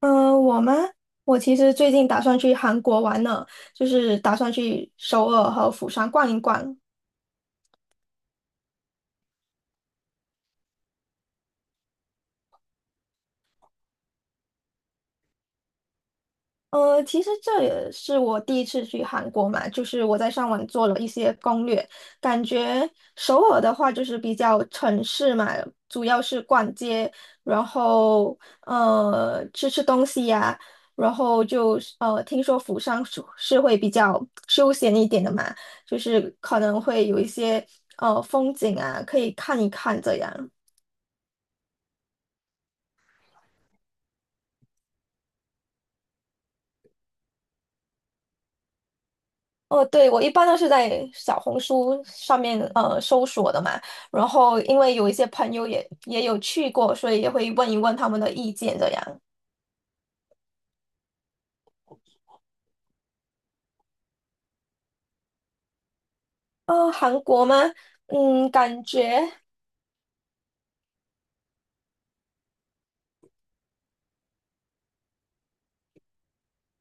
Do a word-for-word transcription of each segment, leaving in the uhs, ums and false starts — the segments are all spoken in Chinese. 嗯，我吗？我其实最近打算去韩国玩呢，就是打算去首尔和釜山逛一逛。呃，其实这也是我第一次去韩国嘛，就是我在上网做了一些攻略，感觉首尔的话就是比较城市嘛，主要是逛街，然后呃吃吃东西呀、然后就是呃听说釜山是是会比较休闲一点的嘛，就是可能会有一些呃风景啊可以看一看这样。哦，对，我一般都是在小红书上面呃搜索的嘛，然后因为有一些朋友也也有去过，所以也会问一问他们的意见这样。呃，韩国吗？嗯，感觉，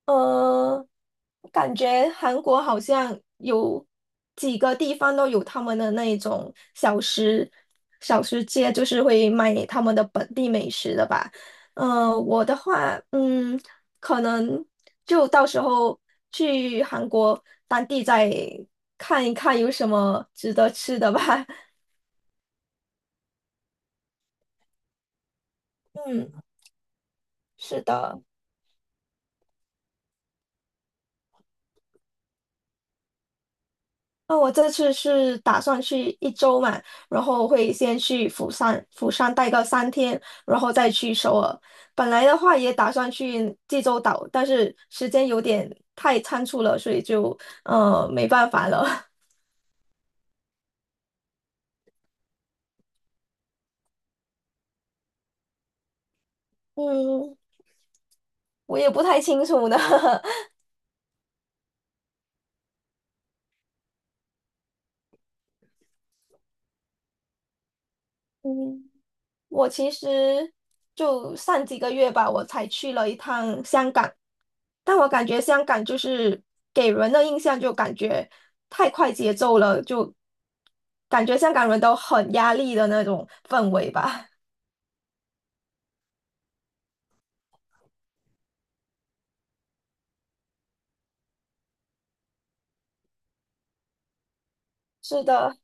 嗯感觉韩国好像有几个地方都有他们的那一种小吃小吃街，就是会卖他们的本地美食的吧。嗯、我的话，嗯，可能就到时候去韩国当地再看一看有什么值得吃的吧。嗯，是的。那我这次是打算去一周嘛，然后会先去釜山，釜山待个三天，然后再去首尔。本来的话也打算去济州岛，但是时间有点太仓促了，所以就呃没办法了。嗯，我也不太清楚呢。嗯。我其实就上几个月吧，我才去了一趟香港，但我感觉香港就是给人的印象就感觉太快节奏了，就感觉香港人都很压力的那种氛围吧。是的，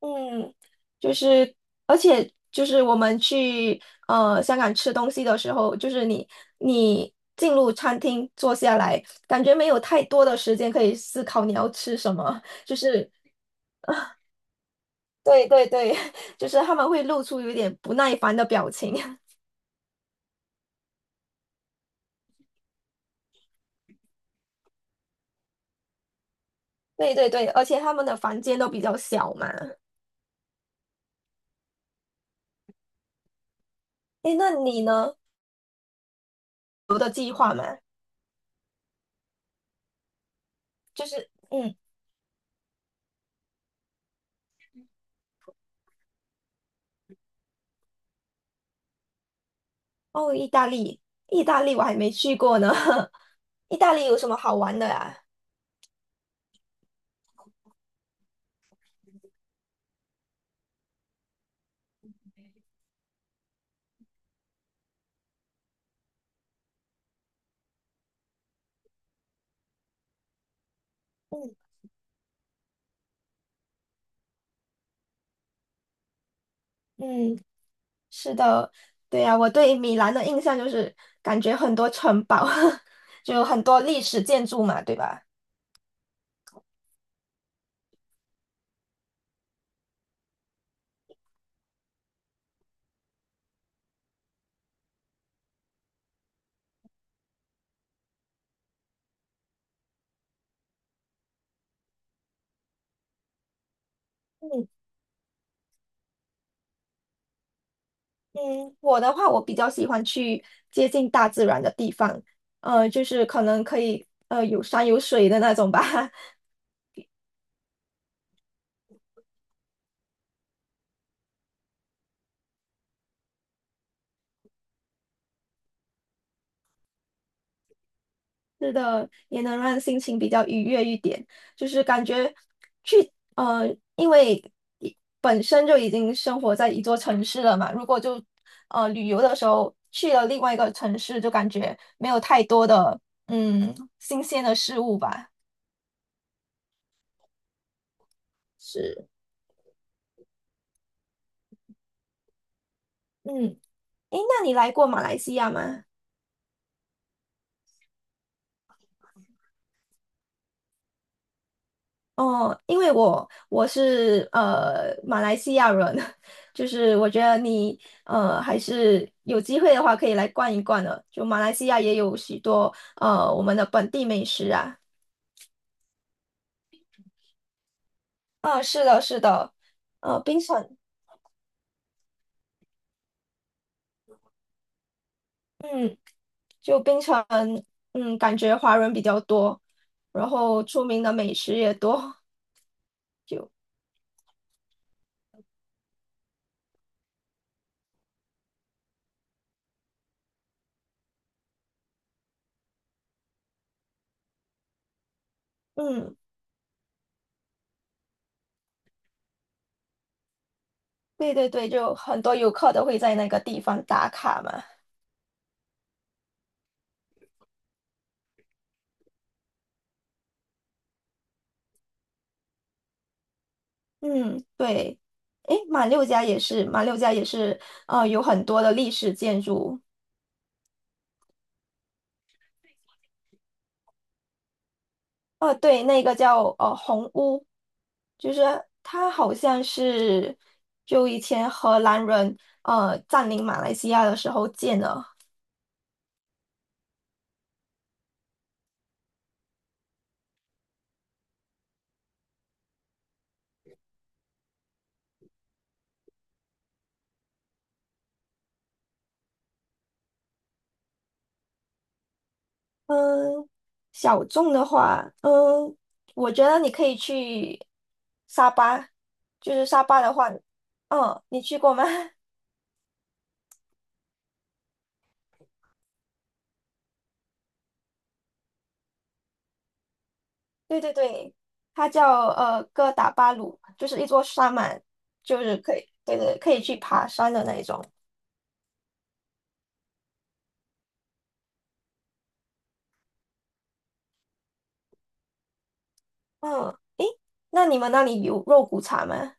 嗯，就是而且就是我们去呃香港吃东西的时候，就是你你进入餐厅坐下来，感觉没有太多的时间可以思考你要吃什么。就是对对对，就是他们会露出有点不耐烦的表情。对对对，而且他们的房间都比较小嘛。诶，那你呢？嗯，哦，意大利，意大利我还没去过呢。意大利有什么好玩的呀？嗯嗯，是的，对呀，我对米兰的印象就是感觉很多城堡，就很多历史建筑嘛，对吧？嗯嗯，我的话，我比较喜欢去接近大自然的地方，呃，就是可能可以呃有山有水的那种吧。是的，也能让心情比较愉悦一点。就是感觉去呃，因为一本身就已经生活在一座城市了嘛，如果就呃旅游的时候去了另外一个城市，就感觉没有太多的嗯新鲜的事物吧。是，嗯，诶，那你来过马来西亚吗？哦，因为我我是呃马来西亚人，就是我觉得你呃还是有机会的话可以来逛一逛的。就马来西亚也有许多呃我们的本地美食啊。啊，是的，是的，呃，槟城，嗯，就槟城，嗯，感觉华人比较多，然后出名的美食也多，嗯，对对对，就很多游客都会在那个地方打卡嘛。嗯，对，诶，马六甲也是，马六甲也是，呃，有很多的历史建筑。哦，对，那个叫呃红屋，就是它好像是就以前荷兰人呃占领马来西亚的时候建的。嗯，小众的话，嗯，我觉得你可以去沙巴，就是沙巴的话，嗯，你去过吗？对对对，它叫呃哥打巴鲁，就是一座山嘛，就是可以，对对，可以去爬山的那一种。嗯，诶，那你们那里有肉骨茶吗？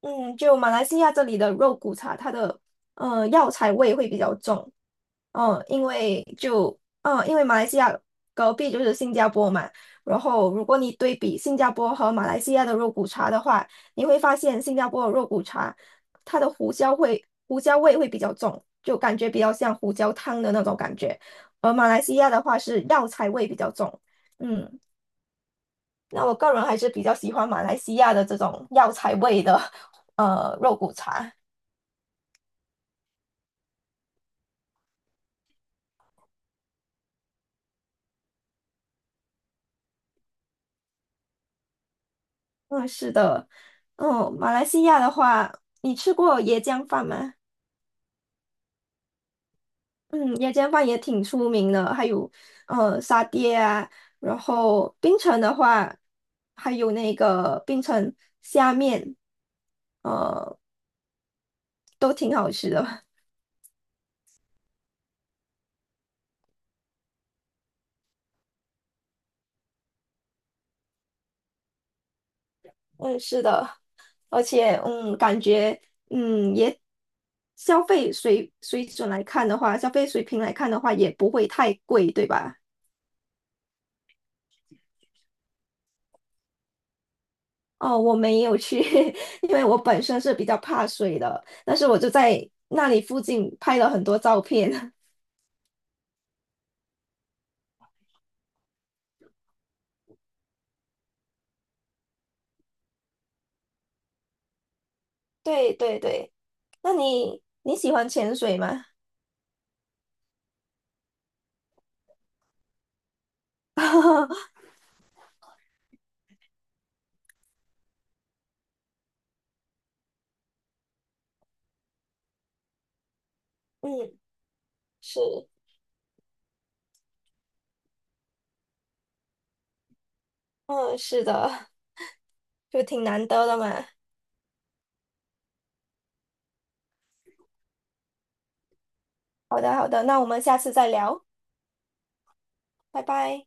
嗯，就马来西亚这里的肉骨茶，它的呃药材味会比较重。嗯，因为就嗯，因为马来西亚隔壁就是新加坡嘛，然后如果你对比新加坡和马来西亚的肉骨茶的话，你会发现新加坡的肉骨茶，它的胡椒会胡椒味会比较重，就感觉比较像胡椒汤的那种感觉，而马来西亚的话是药材味比较重。嗯，那我个人还是比较喜欢马来西亚的这种药材味的呃肉骨茶。嗯，是的，嗯，马来西亚的话，你吃过椰浆饭吗？嗯，夜间饭也挺出名的，还有呃沙爹啊，然后冰城的话，还有那个冰城虾面，呃，都挺好吃的。嗯，是的，而且嗯，感觉嗯也消费水水准来看的话，消费水平来看的话，也不会太贵，对吧？哦，我没有去，因为我本身是比较怕水的，但是我就在那里附近拍了很多照片。对对对，那你你喜欢潜水吗？嗯，是，嗯，是的，就挺难得的嘛。好的，好的，那我们下次再聊，拜拜。